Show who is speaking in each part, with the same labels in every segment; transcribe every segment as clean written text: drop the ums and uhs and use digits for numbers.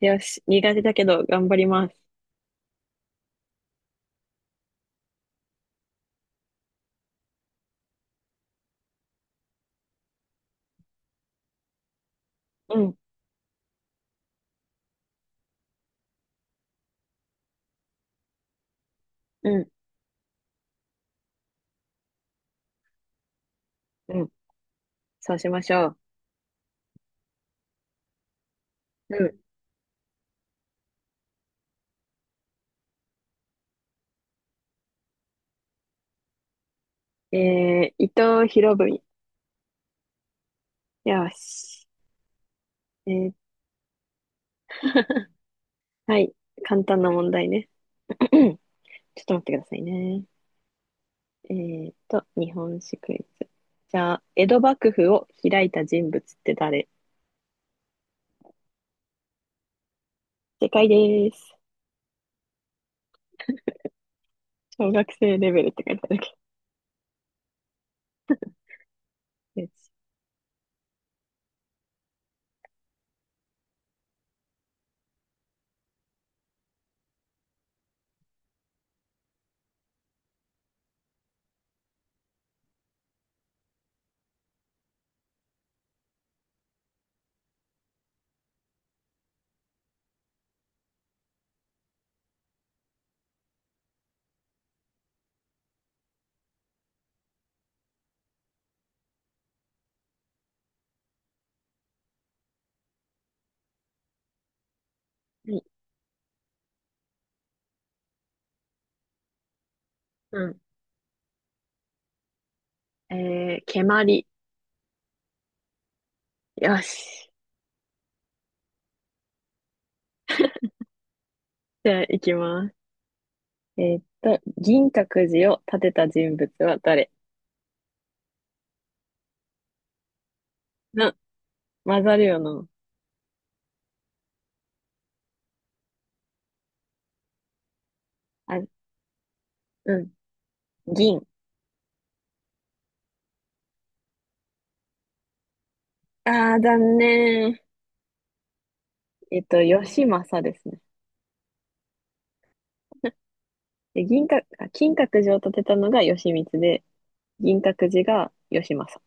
Speaker 1: よし、苦手だけど頑張ります。うん、うん、うん。そうしましょう。うん。伊藤博文。よし。えー、はい。簡単な問題ね。ちょっと待ってくださいね。え日本史クイズ。じゃあ、江戸幕府を開いた人物って誰？正解です。小学生レベルって書いてあるけど。よし。はい。うん。蹴鞠。よし。じゃあ、いきます。銀閣寺を建てた人物は誰？混ざるよな。あ、うん。銀。ああ、残念。義政ですね。で、銀閣、あ金閣寺を建てたのが義満で、銀閣寺が義政。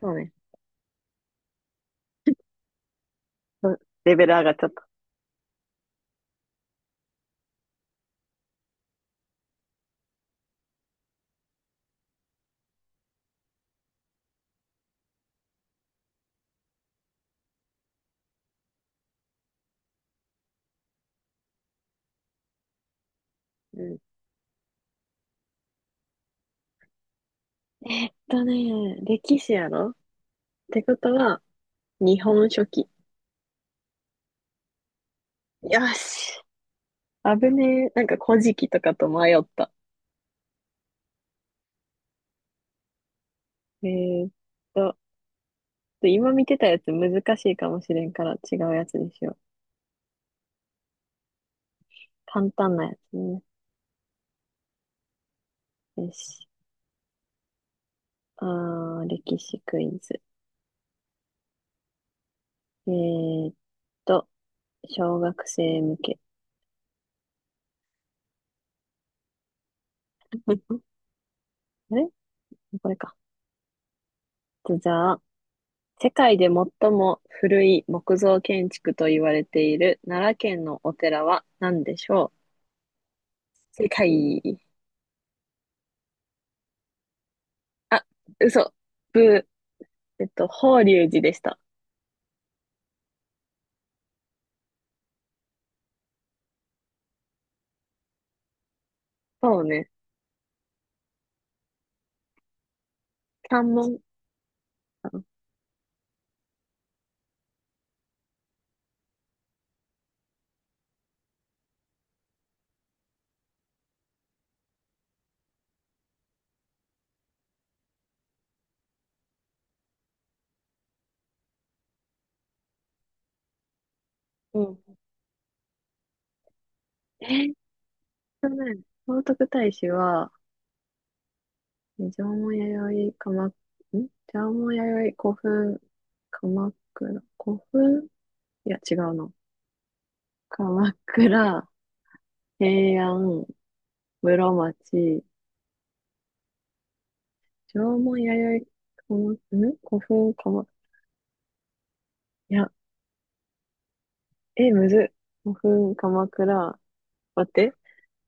Speaker 1: そうね。うん。レベル上がっちゃった。うん。だね、歴史やろってことは、日本書紀。よし。危ねえ。なんか古事記とかと迷った。えーっと、今見てたやつ難しいかもしれんから違うやつにしよう。簡単なやつね。よし。歴史クイズ。えーっと、小学生向け。あれこれか。じゃあ、世界で最も古い木造建築と言われている奈良県のお寺は何でしょう？世界。あ、嘘。ブー。法隆寺でした。そうね。三門。あ、うん。えーっとね、聖徳太子は、縄文弥生、縄文弥生、古墳、鎌倉、古墳、いや、違うの、鎌倉、平安、室町、縄文弥生、鎌、ん古墳、いや、むずっ。古墳、鎌倉、待って。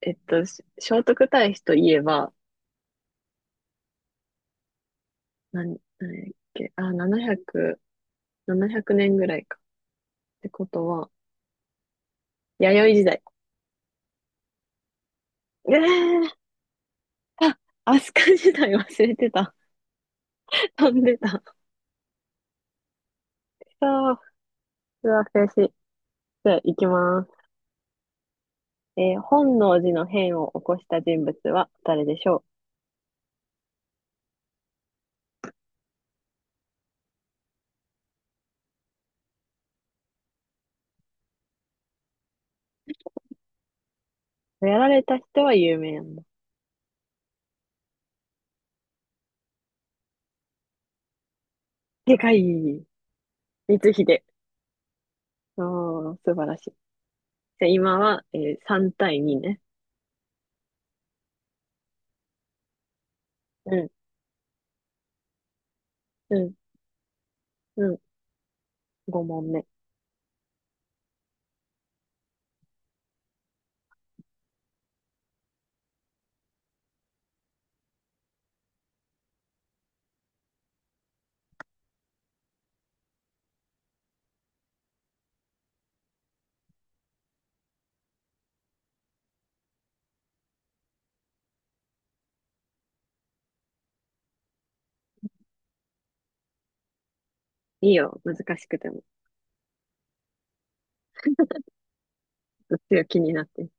Speaker 1: 聖徳太子といえば、なんやっけ、あ、700、7年ぐらいか。ってことは、弥生時代。えー、あ、飛鳥時代忘れてた。飛んでた。そう、うわ、悔しい。じゃあ、行きます。本能寺の変を起こした人物は誰でしょう？やられた人は有名なんだ。でかい。光秀。おー、素晴らしい。じゃあ、今は、3対2ね。うん、うん、うん。5問目。いいよ、難しくても。うっすら気になってる。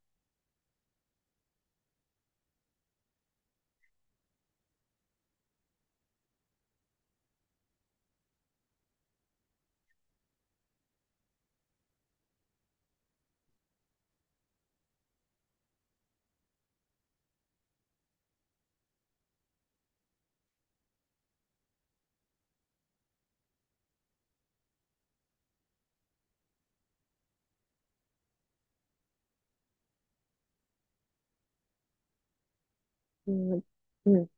Speaker 1: うん、うん。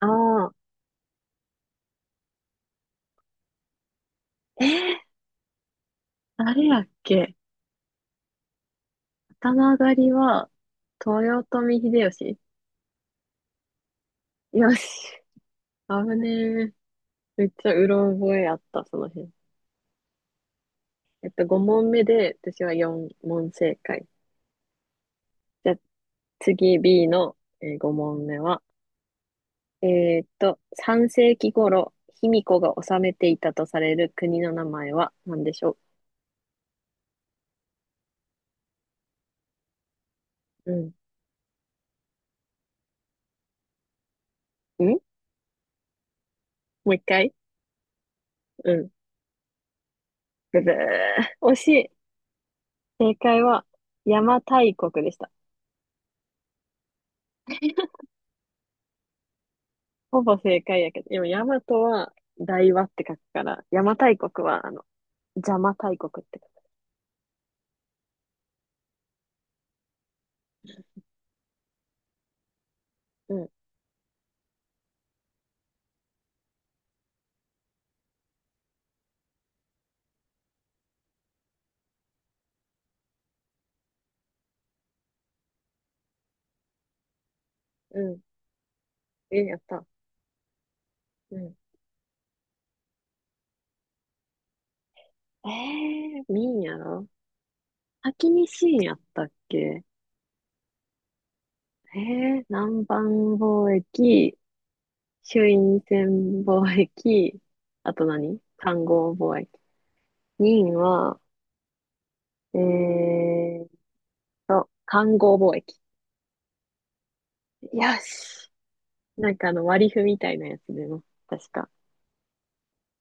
Speaker 1: ああ、えー、あれやっけ？頭上がりは、豊臣秀吉。よし。危ねえ。めっちゃうろ覚えあった、その辺。5問目で、私は4問正解。じゃあ、次 B の、5問目は、えーっと、3世紀頃、卑弥呼が治めていたとされる国の名前は何でしょう？うん。もう一回。うん。ブブー。惜しい。正解は、邪馬台国でした。ほぼ正解やけど、でも大和は大和って書くから、邪馬台国は、邪馬台国って書く。うん、うん。え、やった。うん。みんやろ？先に新やったっけ？え南蛮貿易、朱印船貿易、あと何漢合貿易。任は、えー漢合貿易。よし。なんかあの割り符みたいなやつでも、確か。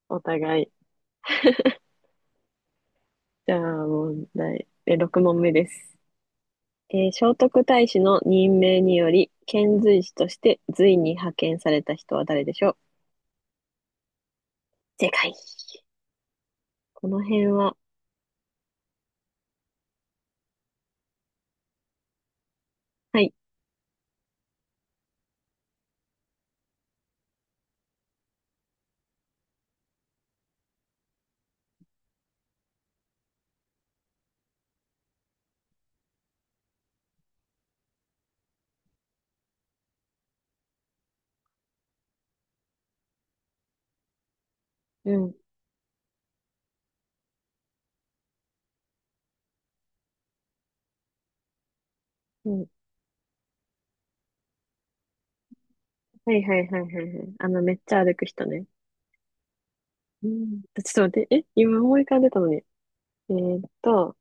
Speaker 1: お互い。じゃあ問題。6問目です。聖徳太子の任命により、遣隋使として隋に派遣された人は誰でしょう？正解。この辺は、はい。うんうん。はいはいはいはいはい。あの、めっちゃ歩く人ね。うん。ちょっと待って、今思い浮かんでたのに。えーっと、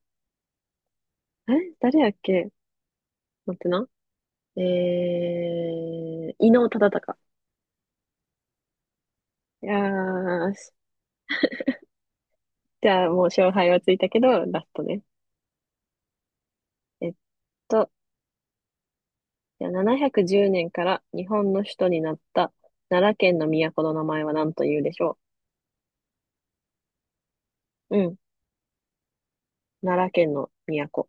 Speaker 1: え、誰やっけ？待ってな。え伊能忠敬。いやーし、じゃあもう勝敗はついたけど、ラストね。えっと、じゃあ710年から日本の首都になった奈良県の都の名前は何というでしょう？うん。奈良県の都。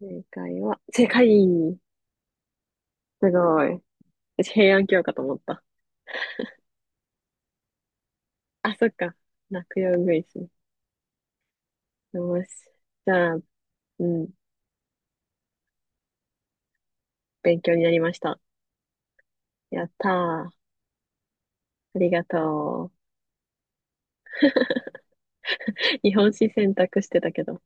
Speaker 1: 正解は、正解。すごい。私平安京かと思った。あ、そっか。落葉ウグイスね。よし。じゃあ、うん、勉強になりました。やったー。ありがとう。日本史選択してたけど、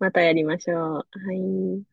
Speaker 1: またやりましょう。はい。